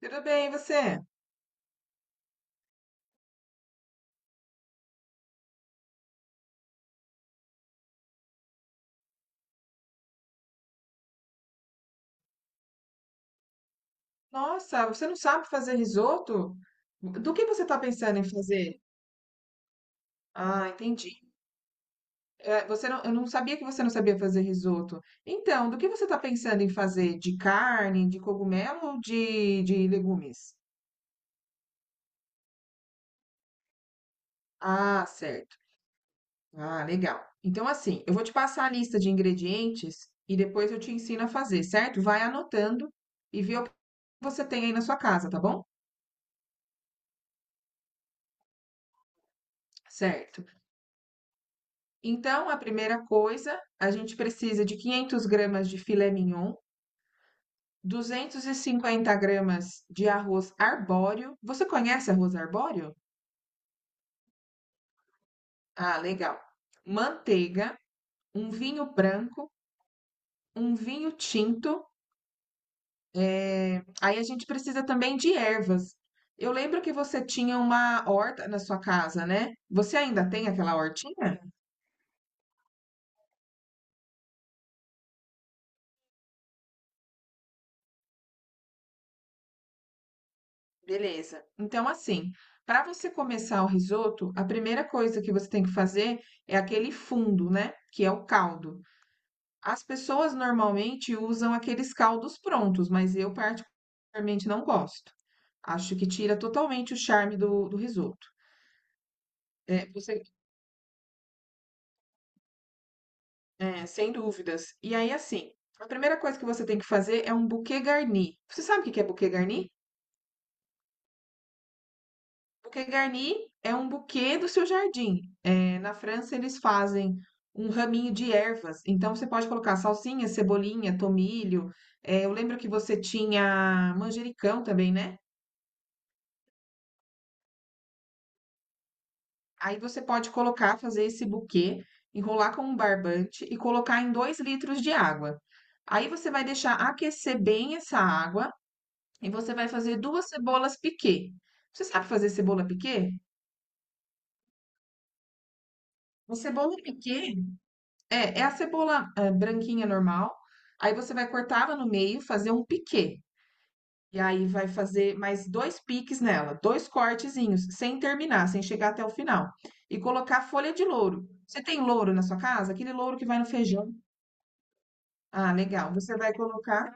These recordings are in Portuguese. Tudo bem, e você? Nossa, você não sabe fazer risoto? Do que você está pensando em fazer? Ah, entendi. É, você não, eu não sabia que você não sabia fazer risoto. Então, do que você está pensando em fazer? De carne, de cogumelo ou de legumes? Ah, certo. Ah, legal. Então, assim, eu vou te passar a lista de ingredientes e depois eu te ensino a fazer, certo? Vai anotando e vê o que você tem aí na sua casa, tá bom? Certo. Então, a primeira coisa, a gente precisa de 500 gramas de filé mignon, 250 gramas de arroz arbóreo. Você conhece arroz arbóreo? Ah, legal. Manteiga, um vinho branco, um vinho tinto. Aí a gente precisa também de ervas. Eu lembro que você tinha uma horta na sua casa, né? Você ainda tem aquela hortinha? Beleza. Então, assim, para você começar o risoto, a primeira coisa que você tem que fazer é aquele fundo, né? Que é o caldo. As pessoas normalmente usam aqueles caldos prontos, mas eu particularmente não gosto. Acho que tira totalmente o charme do risoto. É, você, é, sem dúvidas. E aí, assim, a primeira coisa que você tem que fazer é um bouquet garni. Você sabe o que que é bouquet garni? Bouquet garni é um buquê do seu jardim. É, na França, eles fazem um raminho de ervas. Então, você pode colocar salsinha, cebolinha, tomilho. É, eu lembro que você tinha manjericão também, né? Aí você pode colocar, fazer esse buquê, enrolar com um barbante e colocar em 2 litros de água. Aí você vai deixar aquecer bem essa água e você vai fazer duas cebolas piquê. Você sabe fazer cebola piquê? A cebola piquê é, é a cebola, branquinha normal. Aí você vai cortar ela no meio, fazer um piquê. E aí vai fazer mais dois piques nela, dois cortezinhos, sem terminar, sem chegar até o final. E colocar folha de louro. Você tem louro na sua casa? Aquele louro que vai no feijão. Ah, legal. Você vai colocar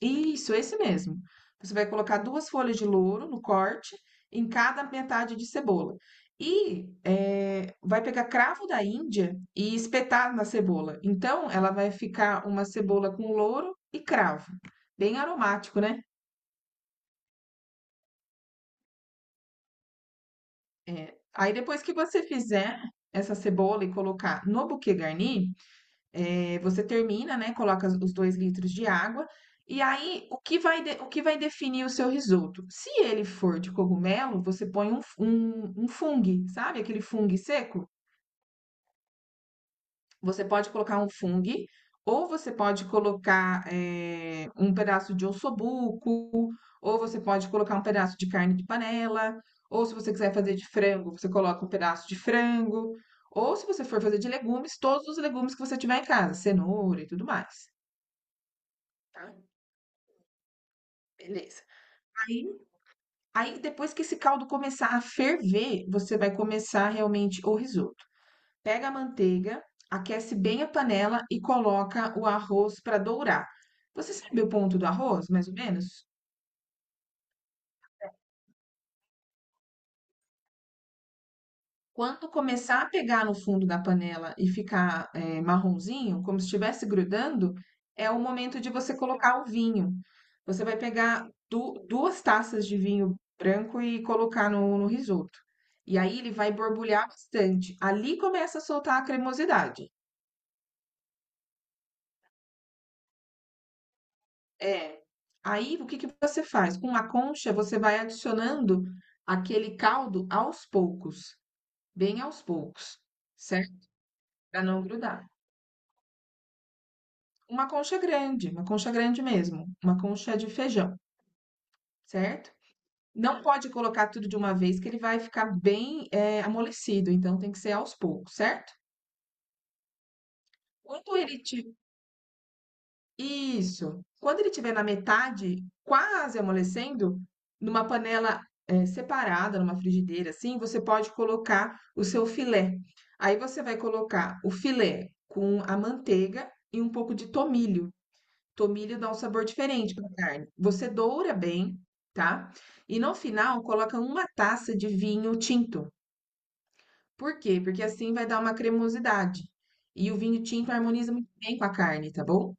isso, esse mesmo. Você vai colocar duas folhas de louro no corte, em cada metade de cebola. E vai pegar cravo da Índia e espetar na cebola. Então, ela vai ficar uma cebola com louro e cravo. Bem aromático, né? Aí, depois que você fizer essa cebola e colocar no buquê garni, é, você termina, né? Coloca os 2 litros de água. E aí, o que vai, o que vai definir o seu risoto? Se ele for de cogumelo, você põe um, um fungo, sabe? Aquele fungo seco. Você pode colocar um fungo, ou você pode colocar um pedaço de ossobuco, ou você pode colocar um pedaço de carne de panela, ou se você quiser fazer de frango, você coloca um pedaço de frango, ou se você for fazer de legumes, todos os legumes que você tiver em casa, cenoura e tudo mais. Tá, beleza. Aí aí depois que esse caldo começar a ferver, você vai começar realmente o risoto. Pega a manteiga, aquece bem a panela e coloca o arroz para dourar. Você sabe o ponto do arroz, mais ou menos? Quando começar a pegar no fundo da panela e ficar, marronzinho, como se estivesse grudando, é o momento de você colocar o vinho. Você vai pegar du duas taças de vinho branco e colocar no risoto. E aí ele vai borbulhar bastante. Ali começa a soltar a cremosidade. É. Aí o que que você faz? Com uma concha, você vai adicionando aquele caldo aos poucos, bem aos poucos, certo? Para não grudar. Uma concha grande mesmo, uma concha de feijão, certo? Não, pode colocar tudo de uma vez, que ele vai ficar bem, amolecido, então tem que ser aos poucos, certo? Quando ele ti- Isso. Quando ele tiver na metade, quase amolecendo, numa panela, separada, numa frigideira assim, você pode colocar o seu filé. Aí você vai colocar o filé com a manteiga e um pouco de tomilho. Tomilho dá um sabor diferente para a carne. Você doura bem, tá? E no final coloca uma taça de vinho tinto. Por quê? Porque assim vai dar uma cremosidade. E o vinho tinto harmoniza muito bem com a carne, tá bom?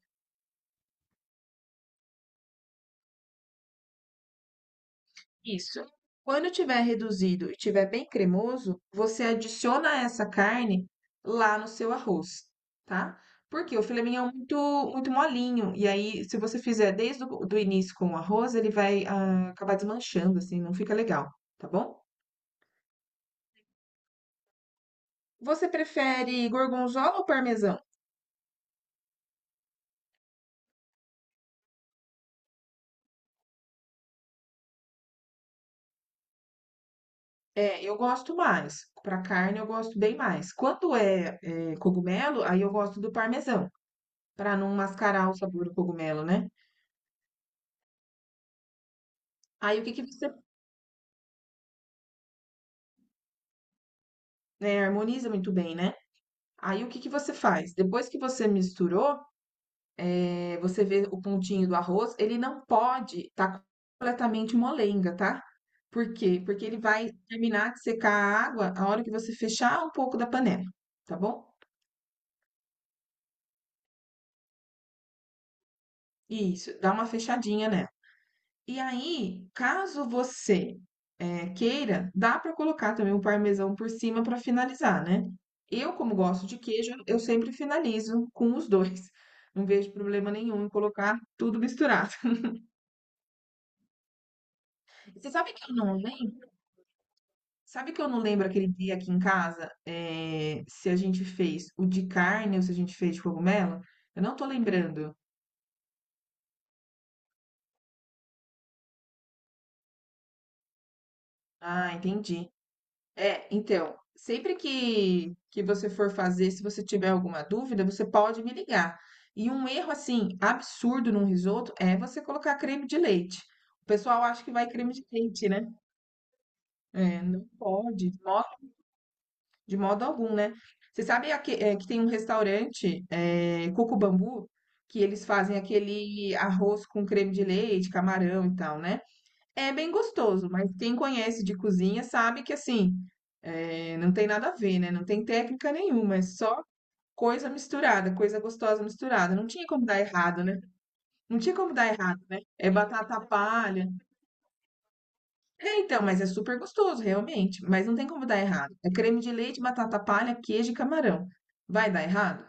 Isso. Quando tiver reduzido e tiver bem cremoso, você adiciona essa carne lá no seu arroz, tá? Porque o filé mignon é muito, muito molinho. E aí, se você fizer desde o do início com o arroz, ele vai acabar desmanchando, assim, não fica legal, tá bom? Você prefere gorgonzola ou parmesão? É, eu gosto mais. Para carne, eu gosto bem mais. Quando cogumelo, aí eu gosto do parmesão, para não mascarar o sabor do cogumelo, né? Aí o que que você, né, harmoniza muito bem, né? Aí o que que você faz? Depois que você misturou, você vê o pontinho do arroz, ele não pode estar completamente molenga, tá? Por quê? Porque ele vai terminar de secar a água a hora que você fechar um pouco da panela, tá bom? Isso, dá uma fechadinha nela. E aí, caso você queira, dá para colocar também o parmesão por cima para finalizar, né? Eu, como gosto de queijo, eu sempre finalizo com os dois. Não vejo problema nenhum em colocar tudo misturado. Você sabe que eu não lembro? Sabe que eu não lembro aquele dia aqui em casa, se a gente fez o de carne ou se a gente fez de cogumelo? Eu não tô lembrando. Ah, entendi. É, então, sempre que você for fazer, se você tiver alguma dúvida, você pode me ligar. E um erro, assim, absurdo num risoto é você colocar creme de leite. O pessoal acha que vai creme de leite, né? É, não pode, de modo algum, né? Você sabe que tem um restaurante, Coco Bambu, que eles fazem aquele arroz com creme de leite, camarão e tal, né? É bem gostoso, mas quem conhece de cozinha sabe que assim, não tem nada a ver, né? Não tem técnica nenhuma, é só coisa misturada, coisa gostosa misturada. Não tinha como dar errado, né? Não tinha como dar errado, né? É batata palha. É, então, mas é super gostoso, realmente. Mas não tem como dar errado. É creme de leite, batata palha, queijo e camarão. Vai dar errado?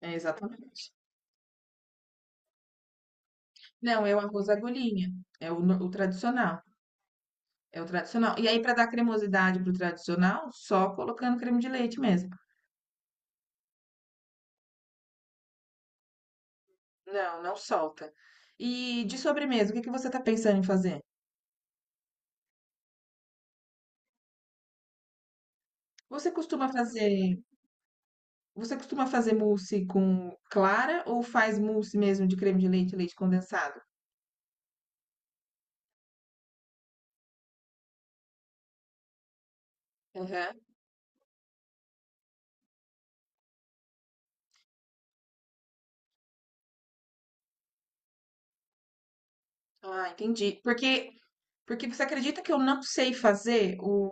É, exatamente. Não, é o arroz agulhinha. É o, o tradicional. É o tradicional. E aí, para dar cremosidade pro tradicional, só colocando creme de leite mesmo. Não, não solta. E de sobremesa, o que que você tá pensando em fazer? Você costuma fazer, você costuma fazer mousse com clara ou faz mousse mesmo de creme de leite, e leite condensado? Aham. Ah, entendi. Porque você acredita que eu não sei fazer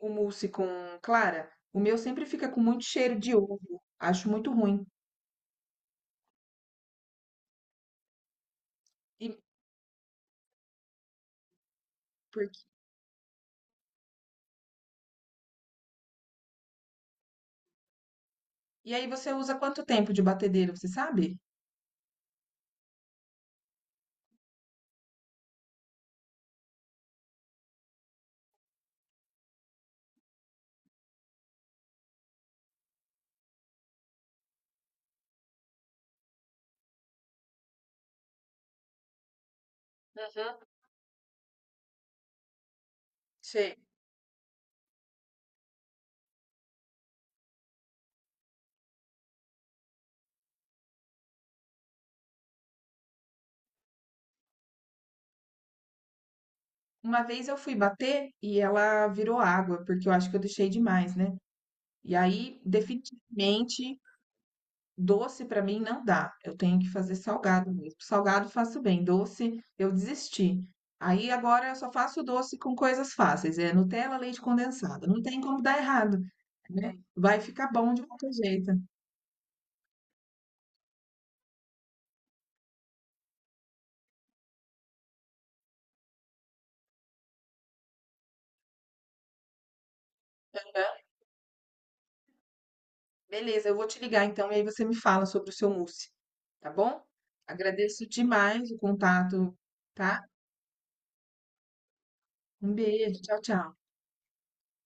o mousse com clara? O meu sempre fica com muito cheiro de ovo. Acho muito ruim. E, por- e aí você usa quanto tempo de batedeira, você sabe? Uhum. Sei. Uma vez eu fui bater e ela virou água, porque eu acho que eu deixei demais, né? E aí, definitivamente, doce pra mim não dá. Eu tenho que fazer salgado mesmo. Salgado faço bem, doce eu desisti. Aí agora eu só faço doce com coisas fáceis, é Nutella, leite condensado. Não tem como dar errado, né? Vai ficar bom de qualquer jeito. Beleza, eu vou te ligar então e aí você me fala sobre o seu mousse, tá bom? Agradeço demais o contato, tá? Um beijo, tchau, tchau.